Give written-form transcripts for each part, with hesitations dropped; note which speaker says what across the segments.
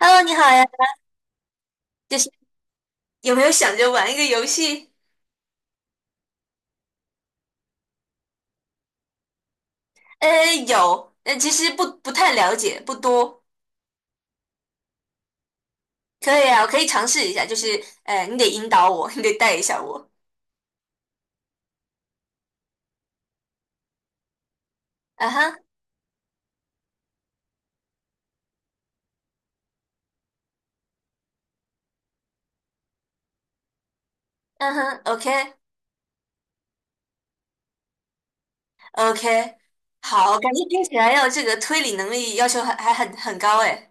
Speaker 1: Hello，你好呀，就是有没有想着玩一个游戏？有，其实不太了解，不多。可以啊，我可以尝试一下，就是你得引导我，你得带一下我。啊哈，嗯哼，OK。 OK，好，感觉听起来要这个推理能力要求还很高哎。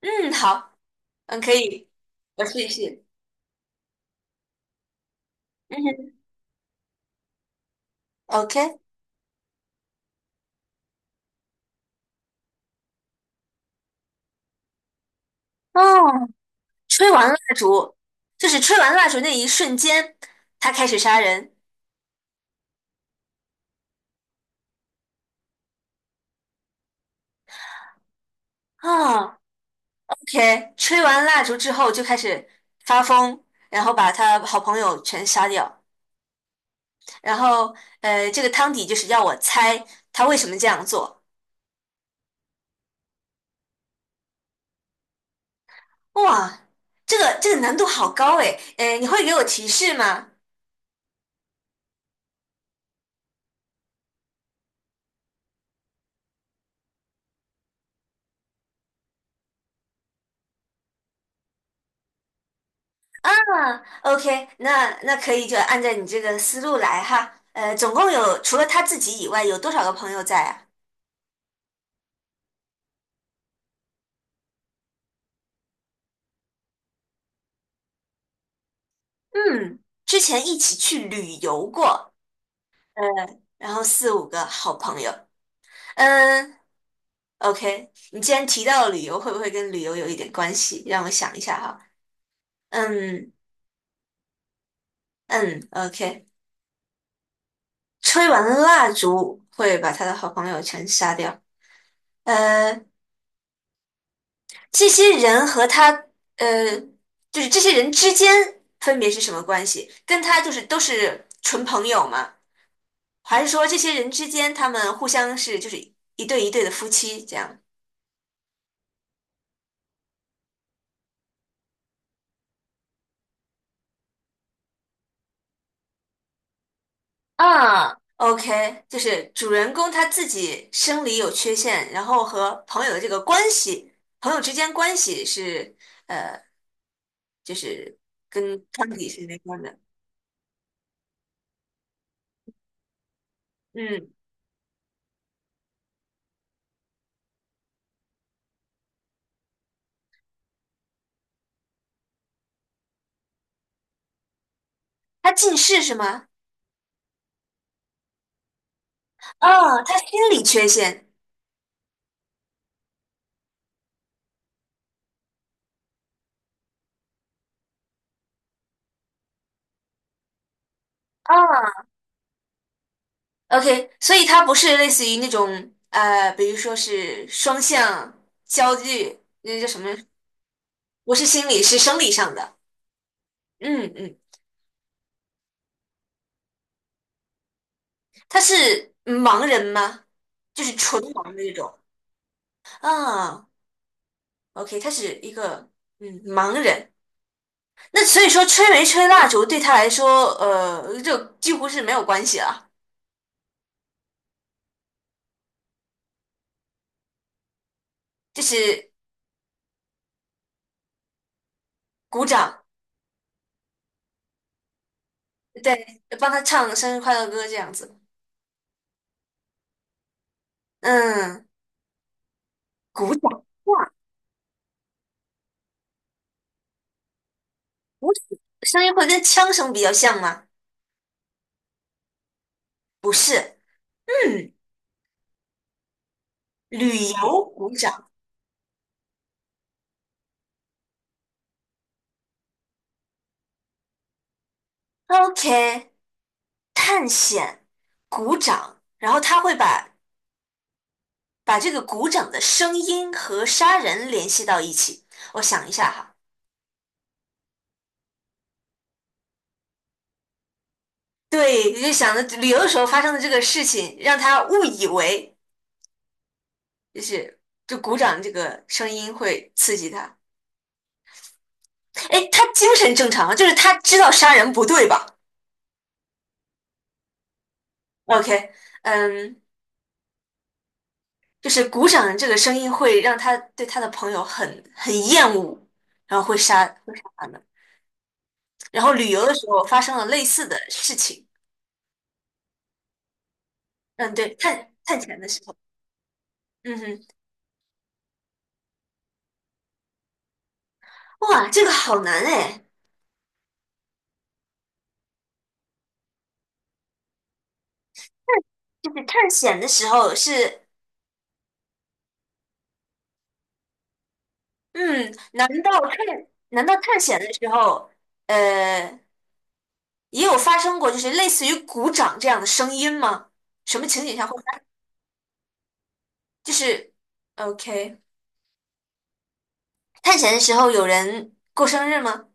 Speaker 1: 嗯，好，嗯，可以，我试一试。嗯哼，OK，哦，吹完蜡烛，就是吹完蜡烛那一瞬间，他开始杀人。啊。OK,吹完蜡烛之后就开始发疯，然后把他好朋友全杀掉。然后，呃，这个汤底就是要我猜他为什么这样做。哇，这个难度好高诶，呃，你会给我提示吗？啊，OK，那可以就按照你这个思路来哈。呃，总共有除了他自己以外，有多少个朋友在啊？嗯，之前一起去旅游过，呃，然后四五个好朋友。嗯、OK,你既然提到了旅游，会不会跟旅游有一点关系？让我想一下哈。嗯嗯，OK，吹完蜡烛会把他的好朋友全杀掉。呃，这些人和他，呃，就是这些人之间分别是什么关系？跟他就是都是纯朋友吗？还是说这些人之间他们互相是就是一对一对的夫妻这样？啊，OK，就是主人公他自己生理有缺陷，然后和朋友的这个关系，朋友之间关系是就是跟康体是没关的。嗯，他近视是吗？哦，他心理缺陷。哦，OK,所以他不是类似于那种比如说是双向焦虑，那叫什么？不是心理，是生理上的。嗯嗯，他是盲人吗？就是纯盲的那种。啊， OK,他是一个嗯盲人，那所以说吹没吹蜡烛对他来说，呃，就几乎是没有关系了，就是鼓掌，对，帮他唱生日快乐歌这样子。嗯，鼓掌，哇，鼓掌声音会跟枪声比较像吗？不是，嗯，旅游鼓掌，OK,探险鼓掌，然后他会把把这个鼓掌的声音和杀人联系到一起。我想一下哈。对，就想着旅游的时候发生的这个事情，让他误以为就是就鼓掌这个声音会刺激他。哎，他精神正常吗就是他知道杀人不对吧？OK,嗯，就是鼓掌这个声音会让他对他的朋友很厌恶，然后会杀他们。然后旅游的时候发生了类似的事情。嗯，对，探险的时候，嗯哼，哇，这个好难哎。就是探险的时候是嗯，难道探险的时候，呃，也有发生过就是类似于鼓掌这样的声音吗？什么情景下会发？就是，OK,探险的时候有人过生日吗？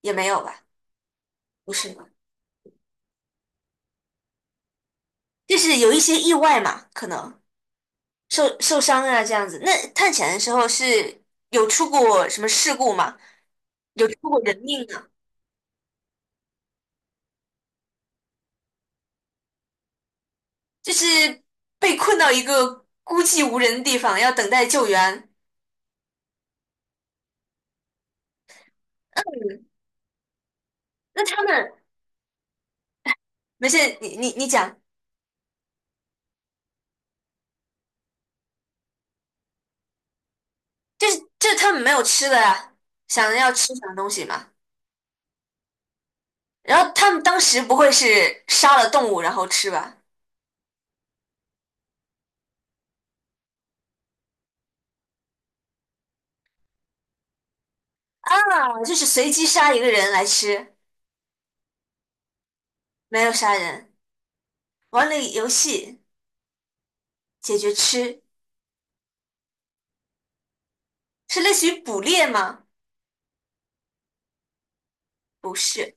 Speaker 1: 也没有吧，不是吧？就是有一些意外嘛，可能受伤啊这样子。那探险的时候是有出过什么事故吗？有出过人命啊？就是被困到一个孤寂无人的地方，要等待救援。那他们。没事，你讲，就是他们没有吃的呀，想着要吃什么东西嘛。然后他们当时不会是杀了动物然后吃吧？啊，就是随机杀一个人来吃，没有杀人。玩了游戏解决吃，是类似于捕猎吗？不是。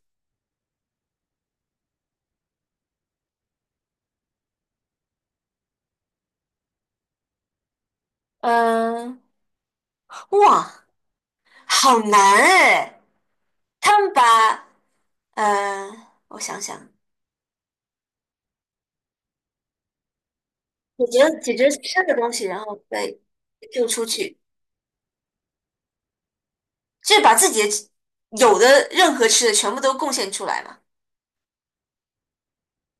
Speaker 1: 嗯、哇，好难哎！他们把呃，我想想，解决吃的东西，然后再 Q 出去。就是把自己的有的任何吃的全部都贡献出来嘛，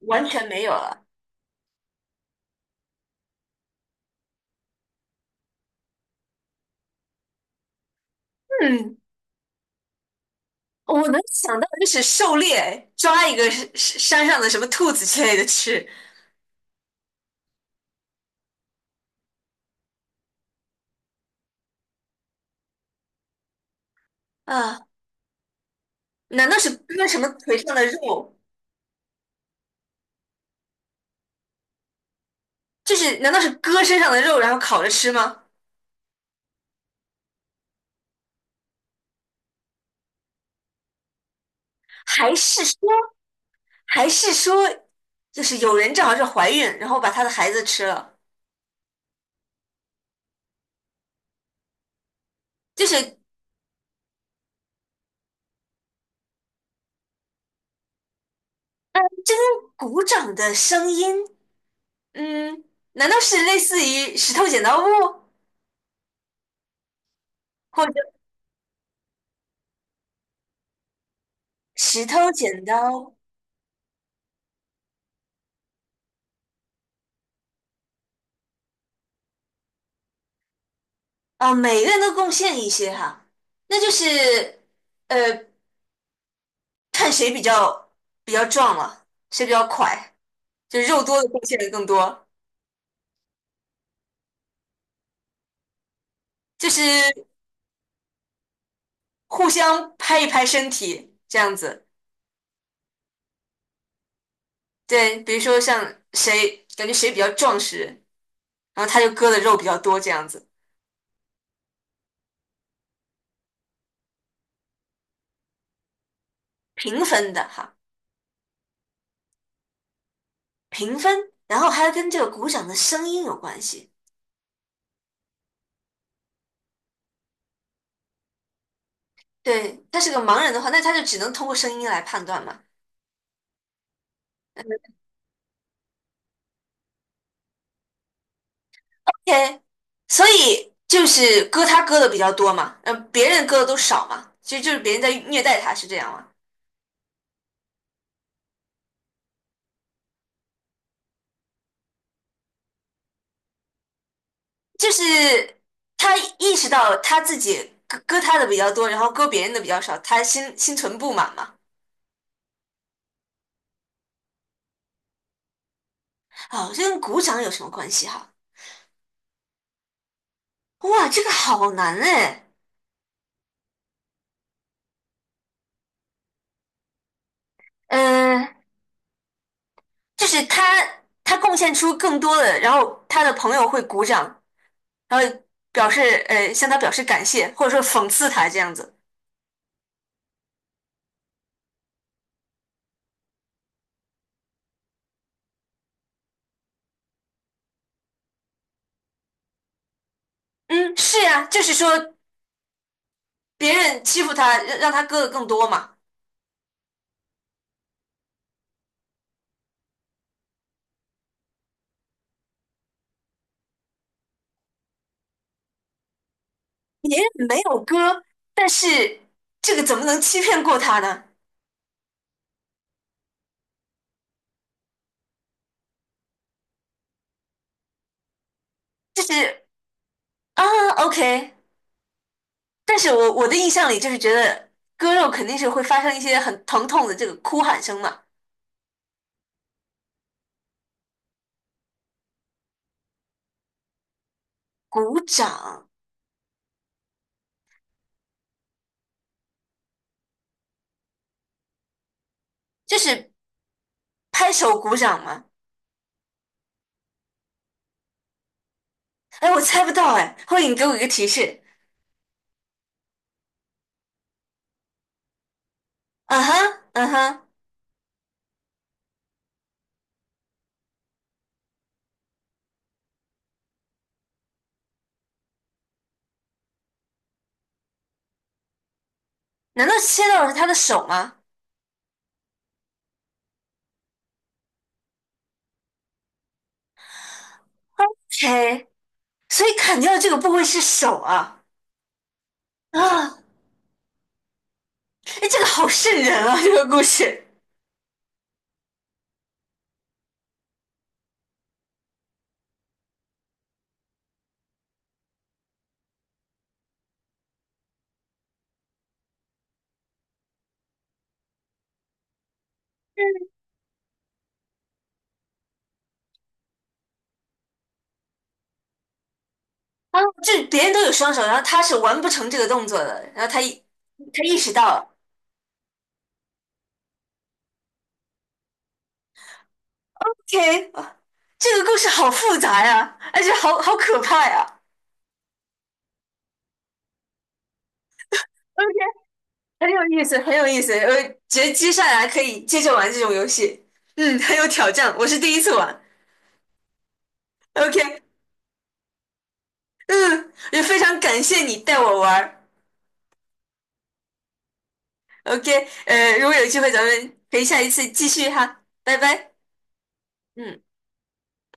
Speaker 1: 完全没有了。嗯，我能想到的就是狩猎，抓一个山上的什么兔子之类的吃啊？难道是割什么腿上的肉？就是难道是割身上的肉然后烤着吃吗？还是说还是说，就是有人正好是怀孕，然后把她的孩子吃了？就是嗯，真鼓掌的声音，嗯，难道是类似于石头剪刀布？或者石头剪刀，啊，每个人都贡献一些哈，那就是呃，看谁比较壮了，谁比较快，就肉多的贡献的更多，就是互相拍一拍身体这样子。对，比如说像谁感觉谁比较壮实，然后他就割的肉比较多这样子，平分的哈，平分，然后还要跟这个鼓掌的声音有关系。对，他是个盲人的话，那他就只能通过声音来判断嘛。天，所以就是割他割的比较多嘛，嗯、别人割的都少嘛，其实就是别人在虐待他，是这样吗？就是他意识到他自己割他的比较多，然后割别人的比较少，他心存不满嘛。哦，这跟鼓掌有什么关系哈？哇，这个好难哎。嗯，就是他贡献出更多的，然后他的朋友会鼓掌，然后表示向他表示感谢，或者说讽刺他这样子。嗯，是呀，就是说别人欺负他，让他割的更多嘛。别人没有割，但是这个怎么能欺骗过他呢？就是啊，OK。但是我的印象里就是觉得割肉肯定是会发生一些很疼痛的这个哭喊声嘛，鼓掌就是拍手鼓掌嘛。哎，我猜不到哎，后者你给我一个提示。嗯哼，嗯哼，难道切到的是他的手吗？ o 所以砍掉的这个部位是手啊。啊，哎，这个好瘆人啊！这个故事，啊，这别人都有双手，然后他是完不成这个动作的，然后他一他意识到了，OK,啊这个故事好复杂呀，而且好可怕呀，OK，很有意思，很有意思，我觉得接下来可以接着玩这种游戏，嗯，很有挑战，我是第一次玩，OK，嗯，也非常感谢你带我玩，OK,如果有机会咱们可以下一次继续哈，拜拜，嗯。